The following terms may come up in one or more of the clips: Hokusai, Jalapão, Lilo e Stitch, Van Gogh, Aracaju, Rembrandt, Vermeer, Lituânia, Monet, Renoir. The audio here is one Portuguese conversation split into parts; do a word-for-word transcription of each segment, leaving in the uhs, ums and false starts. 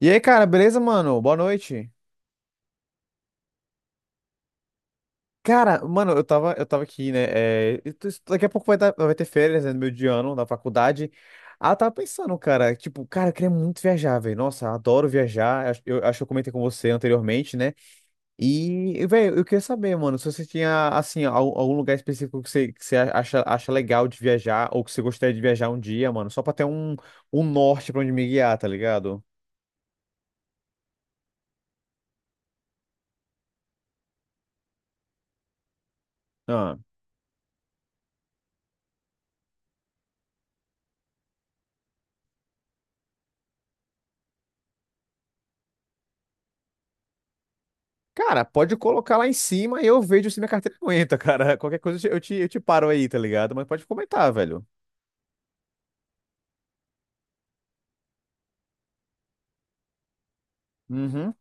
E aí, cara, beleza, mano? Boa noite. Cara, mano, eu tava, eu tava aqui, né? É, e tu- daqui a pouco vai, tá- vai ter férias, né, no meu de ano, da faculdade. Ah, eu tava pensando, cara, tipo, cara, eu queria muito viajar, velho. Nossa, adoro viajar. Acho- Eu acho que eu comentei com você anteriormente, né? E, velho, eu queria saber, mano, se você tinha, assim, al- algum lugar específico que você, que você acha, acha legal de viajar ou que você gostaria de viajar um dia, mano, só pra ter um, um norte pra onde me guiar, tá ligado? Ah. Cara, pode colocar lá em cima e eu vejo se minha carteira aguenta, cara. Qualquer coisa eu te, eu te eu te paro aí, tá ligado? Mas pode comentar, velho. Uhum.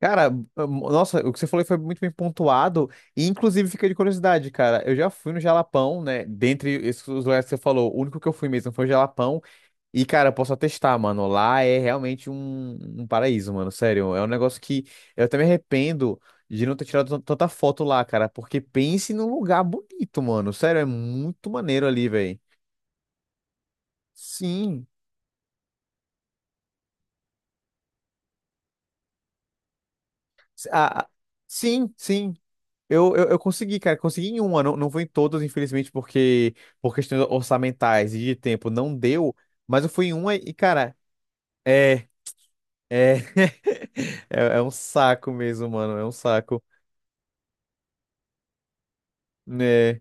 Cara, eh, nossa, o que você falou foi muito bem pontuado e inclusive fica de curiosidade, cara. Eu já fui no Jalapão, né? Dentre esses lugares que você falou, o único que eu fui mesmo foi o Jalapão e, cara, eu posso atestar, mano, lá é realmente um, um paraíso, mano, sério. É um negócio que eu até me arrependo de não ter tirado tan- tanta foto lá, cara, porque pense num lugar bonito, mano. Sério, é muito maneiro ali, velho. Sim, ah, sim, sim. Eu, eu, eu consegui, cara. Consegui em uma, não, não foi em todas, infelizmente, porque por questões orçamentais e de tempo não deu. Mas eu fui em uma e, cara, é, é, é, é um saco mesmo, mano. É um saco. Né?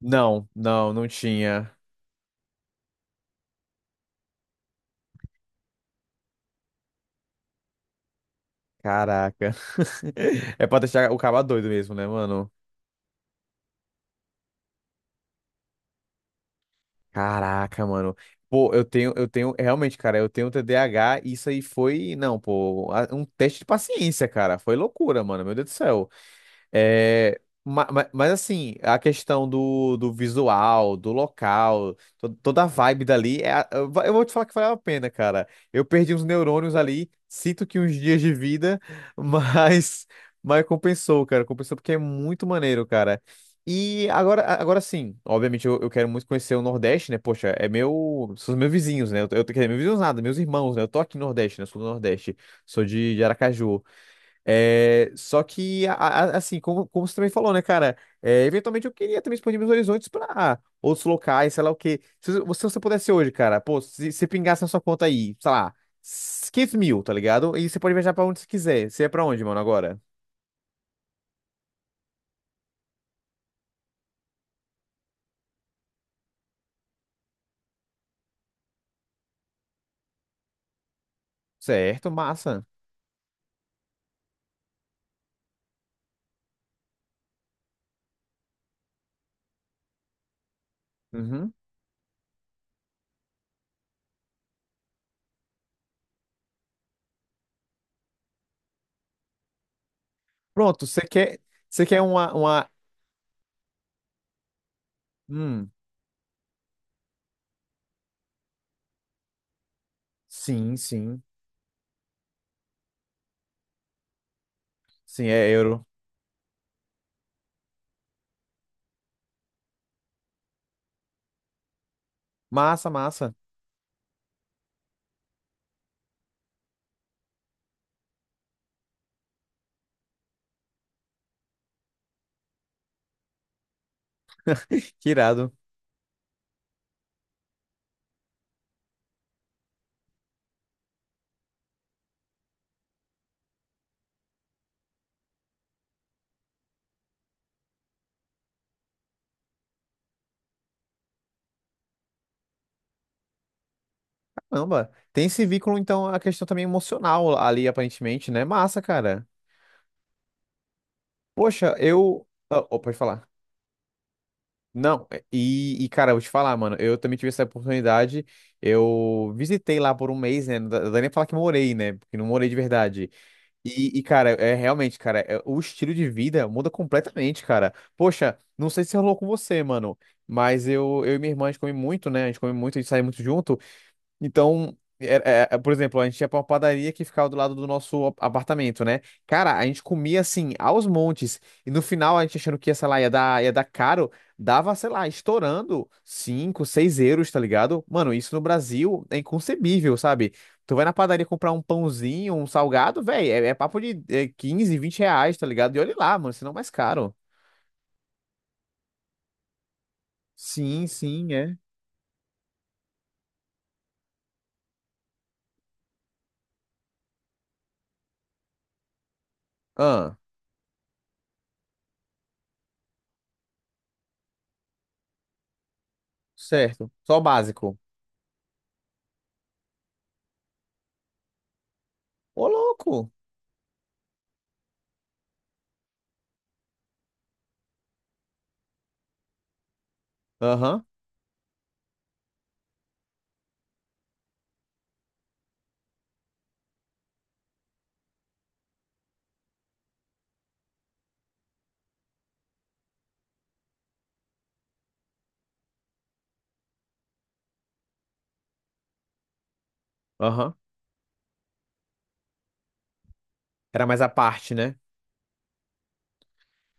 Não, não, não tinha. Caraca. É pra deixar o cara doido mesmo, né, mano? Caraca, mano. Pô, eu tenho, eu tenho, é, realmente, cara, eu tenho T D A H e isso aí foi, não, pô, a- um teste de paciência, cara. Foi loucura, mano. Meu Deus do céu. É, ma- ma- mas, assim, a questão do, do visual, do local, to- toda a vibe dali, é, a- eu va- eu vou te falar que valeu a pena, cara. Eu perdi uns neurônios ali, sinto que uns dias de vida, mas, mas compensou, cara. Compensou porque é muito maneiro, cara. E agora, agora sim, obviamente eu, eu quero muito conhecer o Nordeste, né? Poxa, é meu, são os meus vizinhos, né? Eu, eu, quer dizer, meus vizinhos nada, meus irmãos, né? Eu tô aqui no Nordeste, né? Eu sou do Nordeste, sou de, de Aracaju. É, só que, a- a- assim, como, como você também falou, né, cara? É, eventualmente eu queria também expandir meus horizontes pra outros locais, sei lá o quê. Se você, se você pudesse hoje, cara, pô, se você pingasse na sua conta aí, sei lá, s- quinhentos mil, tá ligado? E você pode viajar pra onde você quiser. Você é pra onde, mano, agora? Certo, massa. Uhum. Pronto, você quer, você quer uma, uma... Hum, sim, sim. Sim, é euro. Massa, massa. Que irado. Caramba. Tem esse vínculo, então, a questão também emocional ali, aparentemente, né? Massa, cara. Poxa, eu. Ah, oh, pode falar. Não, é- e, e, cara, eu vou te falar, mano, eu também tive essa oportunidade. Eu visitei lá por um mês, né? Não dá não dá nem pra falar que morei, né? Porque não morei de verdade. E, e, cara, é realmente, cara, é- o estilo de vida muda completamente, cara. Poxa, não sei se rolou com você, mano, mas eu, eu e minha irmã, a gente come muito, né? A gente come muito, a gente sai muito junto. Então, é- é- é, por exemplo, a gente ia pra uma padaria que ficava do lado do nosso ap- apartamento, né? Cara, a gente comia assim, aos montes. E no final, a gente achando que ia, sei lá, ia dar, ia dar caro, dava, sei lá, estourando cinco seis euros, tá ligado? Mano, isso no Brasil é inconcebível, sabe? Tu vai na padaria comprar um pãozinho, um salgado, velho, é, é papo de é, quinze, vinte reais, tá ligado? E olha lá, mano, senão é mais caro. Sim, sim, é. Ah, certo. Só o básico. Ô, louco. Aham, aham. Era mais à parte, né?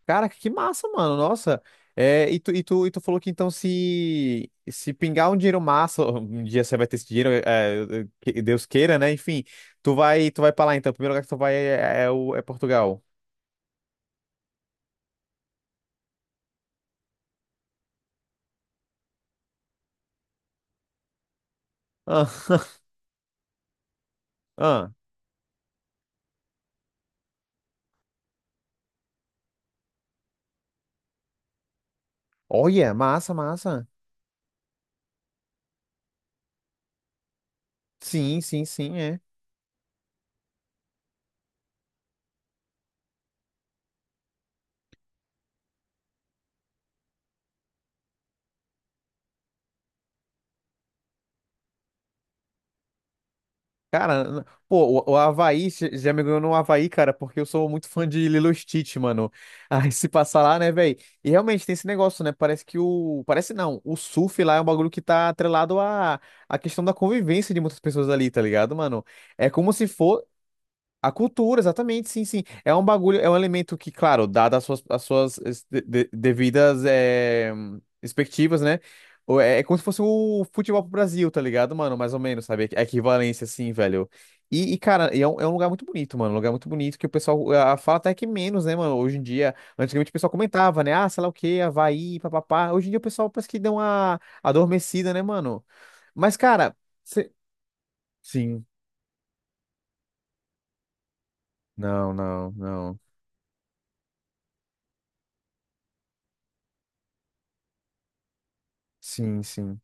Cara, que massa, mano. Nossa. É, e tu, e tu, e tu falou que então se, se pingar um dinheiro massa, um dia você vai ter esse dinheiro, é, é, que Deus queira, né? Enfim, tu vai, tu vai pra lá então. O primeiro lugar que tu vai é, é, é o- é Portugal. Ah, ah. Olha, massa, massa. Sim, sim, sim, é. Cara, pô, o o Havaí j- já me ganhou no Havaí, cara, porque eu sou muito fã de Lilo e Stitch, mano. Aí se passar lá, né, velho? E realmente tem esse negócio, né? Parece que o. Parece não, o surf lá é um bagulho que tá atrelado à, à questão da convivência de muitas pessoas ali, tá ligado, mano? É como se fosse. A cultura, exatamente, sim, sim. É um bagulho, é um elemento que, claro, dada as suas, as suas es- de- de- devidas eh, expectativas, né? O- É, é como se fosse o futebol pro Brasil, tá ligado, mano? Mais ou menos, sabe? A equivalência, assim, velho. E, e, cara, e é um, é um lugar muito bonito, mano. Um lugar muito bonito que o pessoal ah, fala até que menos, né, mano? Hoje em dia, antigamente o pessoal comentava, né? Ah, sei lá o quê, Havaí, papapá. Hoje em dia o pessoal parece que deu uma adormecida, né, mano? Mas, cara, cê- sim. Não, não, não. Sim, sim.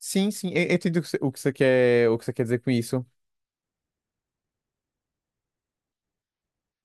Sim, sim, eu eu entendo o que você o que você quer, o que você quer dizer com isso.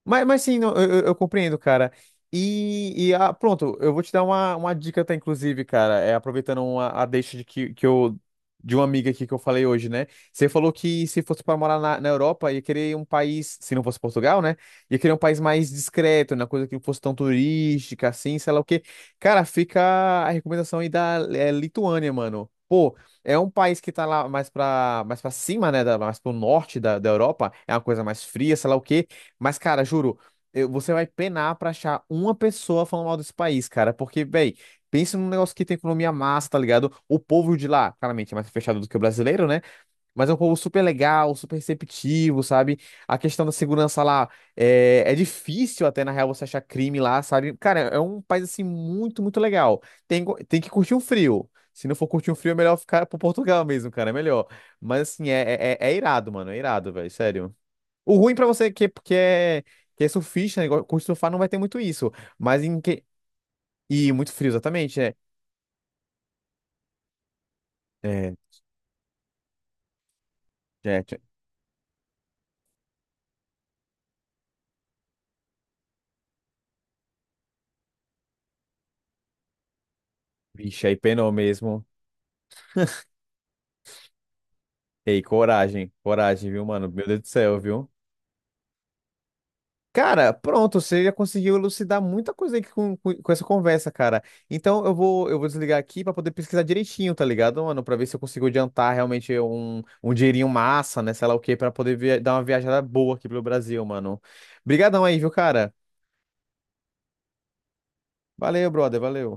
Mas, mas sim, não, eu, eu- eu compreendo, cara. E, e, ah, pronto, eu vou te dar uma, uma dica, tá, inclusive, cara, é, aproveitando uma, a deixa de que, que eu, de uma amiga aqui que eu falei hoje, né? Você falou que se fosse para morar na, na Europa, ia querer um país, se não fosse Portugal, né? Ia querer um país mais discreto, né? Coisa que não fosse tão turística, assim, sei lá o quê. Cara, fica a recomendação aí da é, Lituânia, mano. Pô, é um país que tá lá mais pra, mais pra cima, né? Da, mais pro norte da, da Europa. É uma coisa mais fria, sei lá o quê. Mas, cara, juro, eu- você vai penar pra achar uma pessoa falando mal desse país, cara. Porque, véi, pensa num negócio que tem economia massa, tá ligado? O povo de lá, claramente, é mais fechado do que o brasileiro, né? Mas é um povo super legal, super receptivo, sabe? A questão da segurança lá é, é difícil até, na real, você achar crime lá, sabe? Cara, é um país, assim, muito, muito legal. Tem, go- tem que curtir um frio. Se não for curtir um frio, é melhor ficar pro Portugal mesmo, cara. É melhor. Mas, assim, é, é, é é irado, mano. É irado, velho. Sério. O ruim pra você que, que é, que é surfista, né, go- curte surfar, não vai ter muito isso. Mas em que. E muito frio, exatamente. É, é, é, tch- Vixe, aí penou mesmo. Ei, coragem, coragem, viu, mano? Meu Deus do céu, viu? Cara, pronto, você já conseguiu elucidar muita coisa aí com, com, com essa conversa, cara. Então eu vou, eu vou desligar aqui pra poder pesquisar direitinho, tá ligado, mano? Pra ver se eu consigo adiantar realmente um, um dinheirinho massa, né? Sei lá o quê, pra poder via- dar uma viajada boa aqui pelo Brasil, mano. Obrigadão aí, viu, cara? Valeu, brother, valeu.